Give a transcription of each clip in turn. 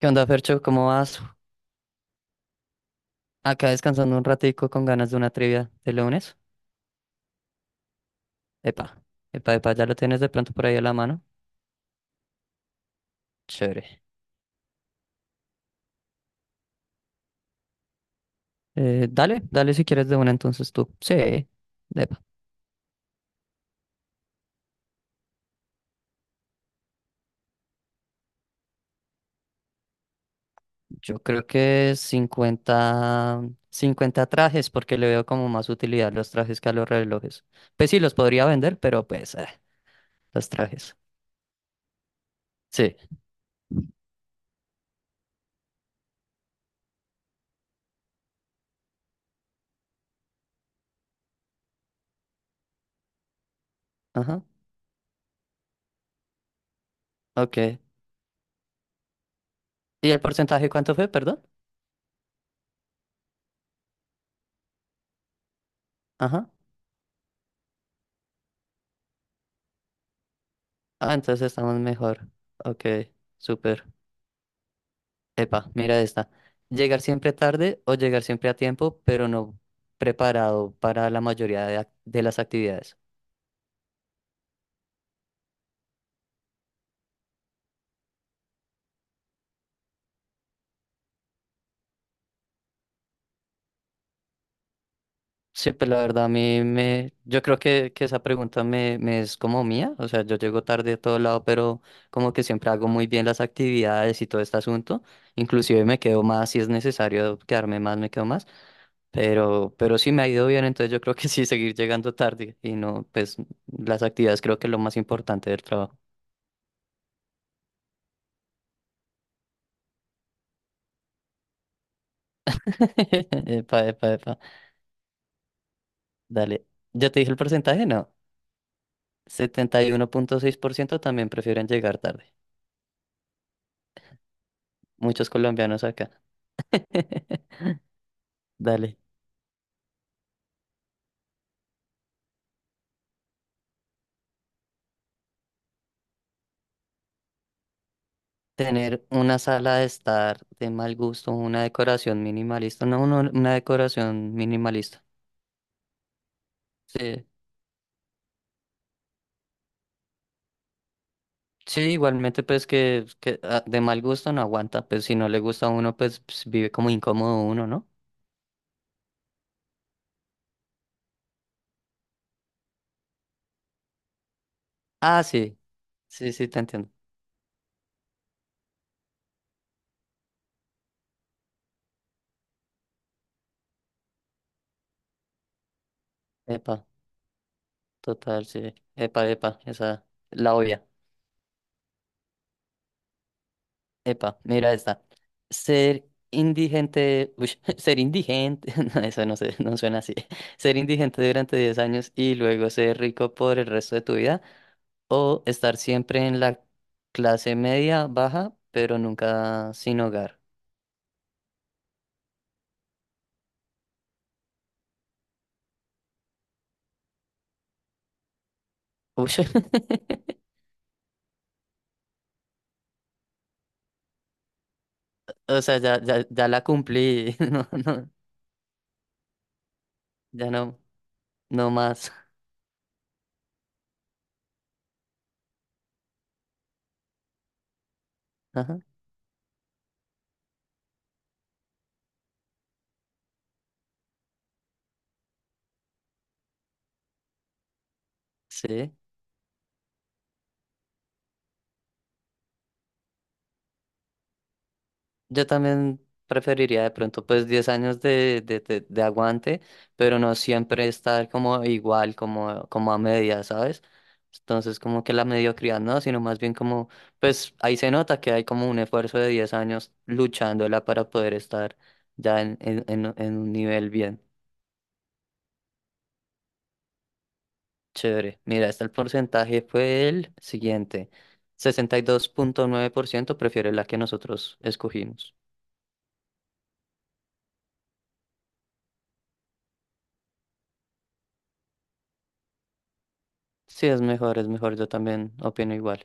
¿Qué onda, Fercho? ¿Cómo vas? Acá descansando un ratico con ganas de una trivia de lunes. Epa, epa, epa, ya lo tienes de pronto por ahí a la mano. Chévere. Dale, dale, si quieres de una entonces tú. Sí, epa. Yo creo que cincuenta trajes, porque le veo como más utilidad a los trajes que a los relojes. Pues sí, los podría vender, pero pues los trajes. Sí, ajá, ok. ¿Y el porcentaje cuánto fue, perdón? Ajá. Ah, entonces estamos mejor. Ok, súper. Epa, mira esta. Llegar siempre tarde, o llegar siempre a tiempo pero no preparado para la mayoría de las actividades. Sí, pues la verdad a mí Yo creo que esa pregunta me es como mía. O sea, yo llego tarde a todo lado, pero como que siempre hago muy bien las actividades y todo este asunto. Inclusive me quedo más, si es necesario quedarme más, me quedo más. Pero sí me ha ido bien, entonces yo creo que sí, seguir llegando tarde y no, pues las actividades, creo que es lo más importante del trabajo. Epa, epa, epa. Dale. Ya te dije el porcentaje, no. 71,6% también prefieren llegar tarde. Muchos colombianos acá. Dale. Tener una sala de estar de mal gusto, una decoración minimalista. No, no, una decoración minimalista. Sí. Sí, igualmente pues que de mal gusto no aguanta. Pues si no le gusta a uno, pues, vive como incómodo uno, ¿no? Ah, sí. Sí, sí, te entiendo. Epa, total, sí. Epa, epa, esa, la obvia. Epa, mira esta. Ser indigente, uy, ser indigente, no, eso no sé, no suena así. Ser indigente durante 10 años y luego ser rico por el resto de tu vida, o estar siempre en la clase media baja, pero nunca sin hogar. Uy, o sea, ya, ya, ya la cumplí, no, no, ya no, no más. Ajá, sí. Yo también preferiría de pronto pues 10 años de aguante, pero no siempre estar como igual, como a media, ¿sabes? Entonces, como que la mediocridad no, sino más bien como, pues, ahí se nota que hay como un esfuerzo de 10 años luchándola para poder estar ya en un nivel bien chévere. Mira, este, el porcentaje fue el siguiente. 62,9% prefiere la que nosotros escogimos. Sí, es mejor, yo también opino igual.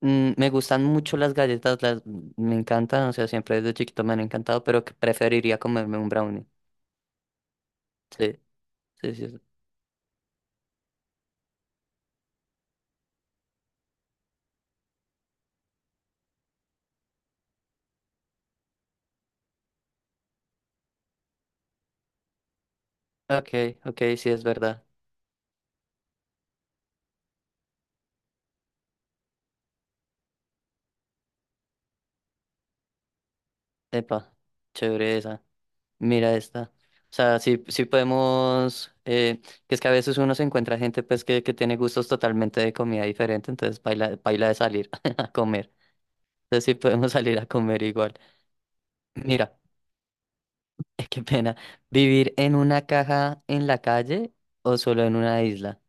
Me gustan mucho las galletas, me encantan, o sea, siempre desde chiquito me han encantado, pero que preferiría comerme un brownie. Sí, sí, sí. Sí. Ok, ok, sí, es verdad. Epa, chévere esa. Mira esta. O sea, sí, sí podemos, que es que a veces uno se encuentra gente pues que tiene gustos totalmente de comida diferente, entonces baila, baila de salir a comer. Entonces sí podemos salir a comer igual. Mira, qué pena. ¿Vivir en una caja en la calle o solo en una isla?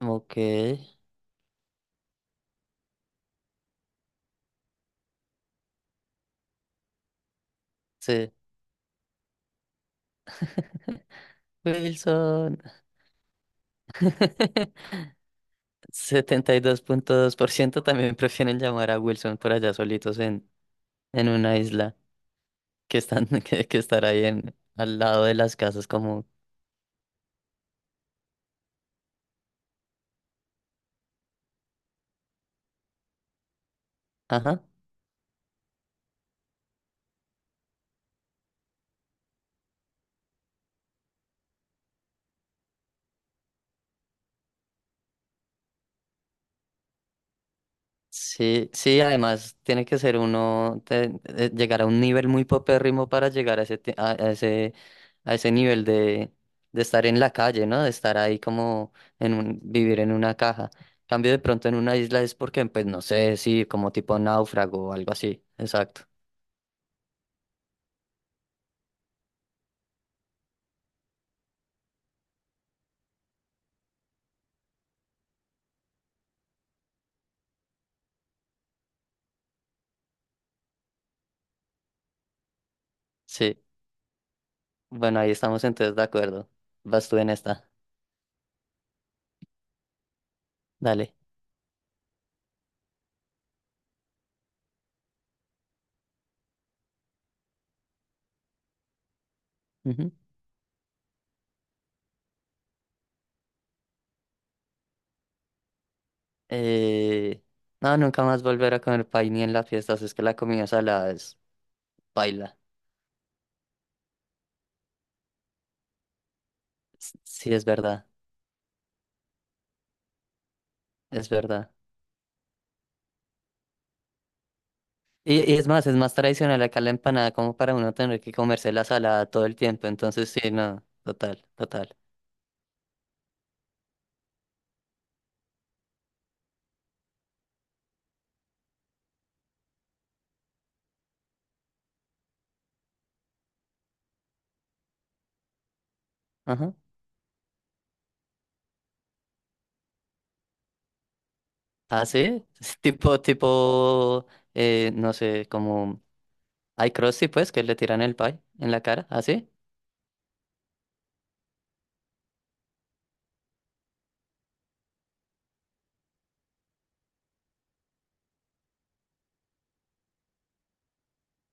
Ok, sí. Wilson. Setenta y dos punto dos por ciento también prefieren llamar a Wilson por allá solitos en una isla, que están que estar ahí en al lado de las casas, como, ajá. Sí, sí, además tiene que ser uno, llegar a un nivel muy popérrimo para llegar a ese, a ese, a ese nivel de estar en la calle, ¿no? De estar ahí como vivir en una caja. Cambio, de pronto en una isla es porque, pues no sé, sí, como tipo náufrago o algo así. Exacto. Sí. Bueno, ahí estamos entonces de acuerdo. Vas tú en esta. Dale. Ujú. Eh, no, nunca más volver a comer pay ni en las fiestas. Es que la comida salada es paila. Sí, es verdad. Es verdad. Y es más tradicional acá la empanada, como para uno tener que comerse la salada todo el tiempo. Entonces, sí, no, total, total. Ajá. Ah, sí, es tipo, no sé, como hay Crusty, pues, que le tiran el pie en la cara, así.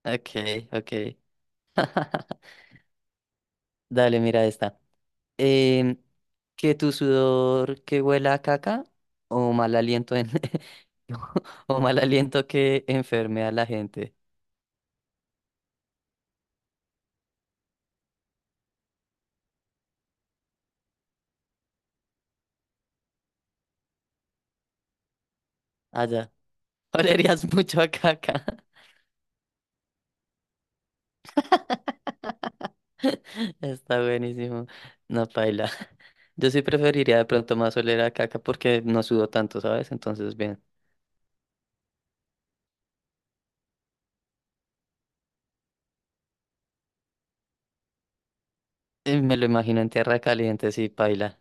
Okay, okay. Dale, mira esta. Em, que tu sudor que huela a caca, o mal aliento en... o mal aliento que enferme a la gente. Allá. Olerías mucho a caca. Está buenísimo. No, paila. Yo sí preferiría de pronto más oler a caca, porque no sudo tanto, ¿sabes? Entonces, bien. Me lo imagino en tierra caliente, sí, paila.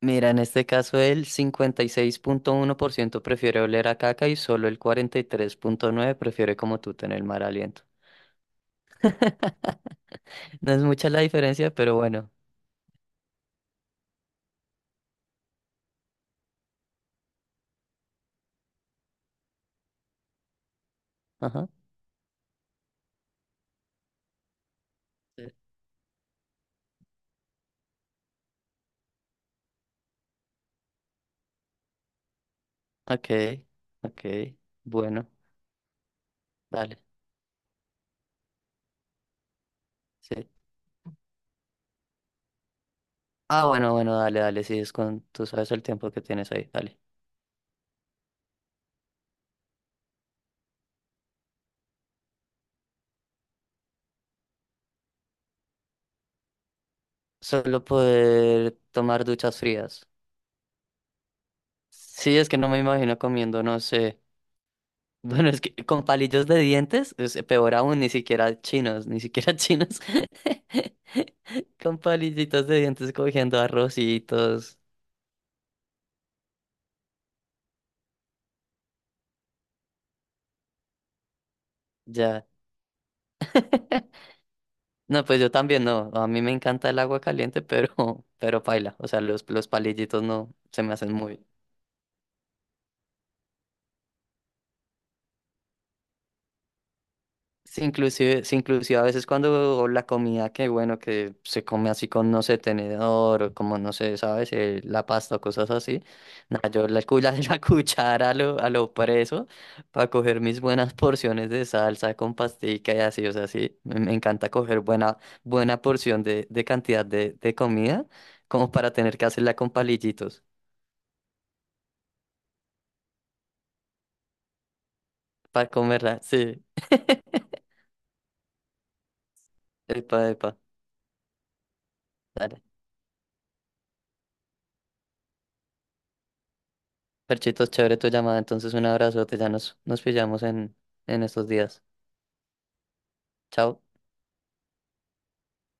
Mira, en este caso el 56,1% prefiere oler a caca, y solo el 43,9% prefiere, como tú, tener mal aliento. No es mucha la diferencia, pero bueno. Ajá. Sí. Ok, ok. Bueno, dale. Sí. Ah, bueno, bueno, dale, dale, sí, es con, tú sabes el tiempo que tienes ahí, dale. Solo poder tomar duchas frías. Sí, es que no me imagino comiendo, no sé. Bueno, es que con palillos de dientes es peor aún, ni siquiera chinos, ni siquiera chinos. Con palillitos de dientes cogiendo arrocitos, ya. No, pues yo también no. A mí me encanta el agua caliente, pero paila. O sea, los palillitos no se me hacen muy. Sí, inclusive a veces cuando la comida que, bueno, que se come así con, no sé, tenedor o como, no sé, ¿sabes? La pasta o cosas así. Nah, yo la cuchara, a lo preso, para coger mis buenas porciones de salsa con pastica y así, o sea, sí, me encanta coger buena, buena porción de cantidad de comida, como para tener que hacerla con palillitos, para comerla, sí, epa, epa. Dale. Perchitos, chévere tu llamada. Entonces, un abrazote. Ya nos pillamos en estos días. Chao.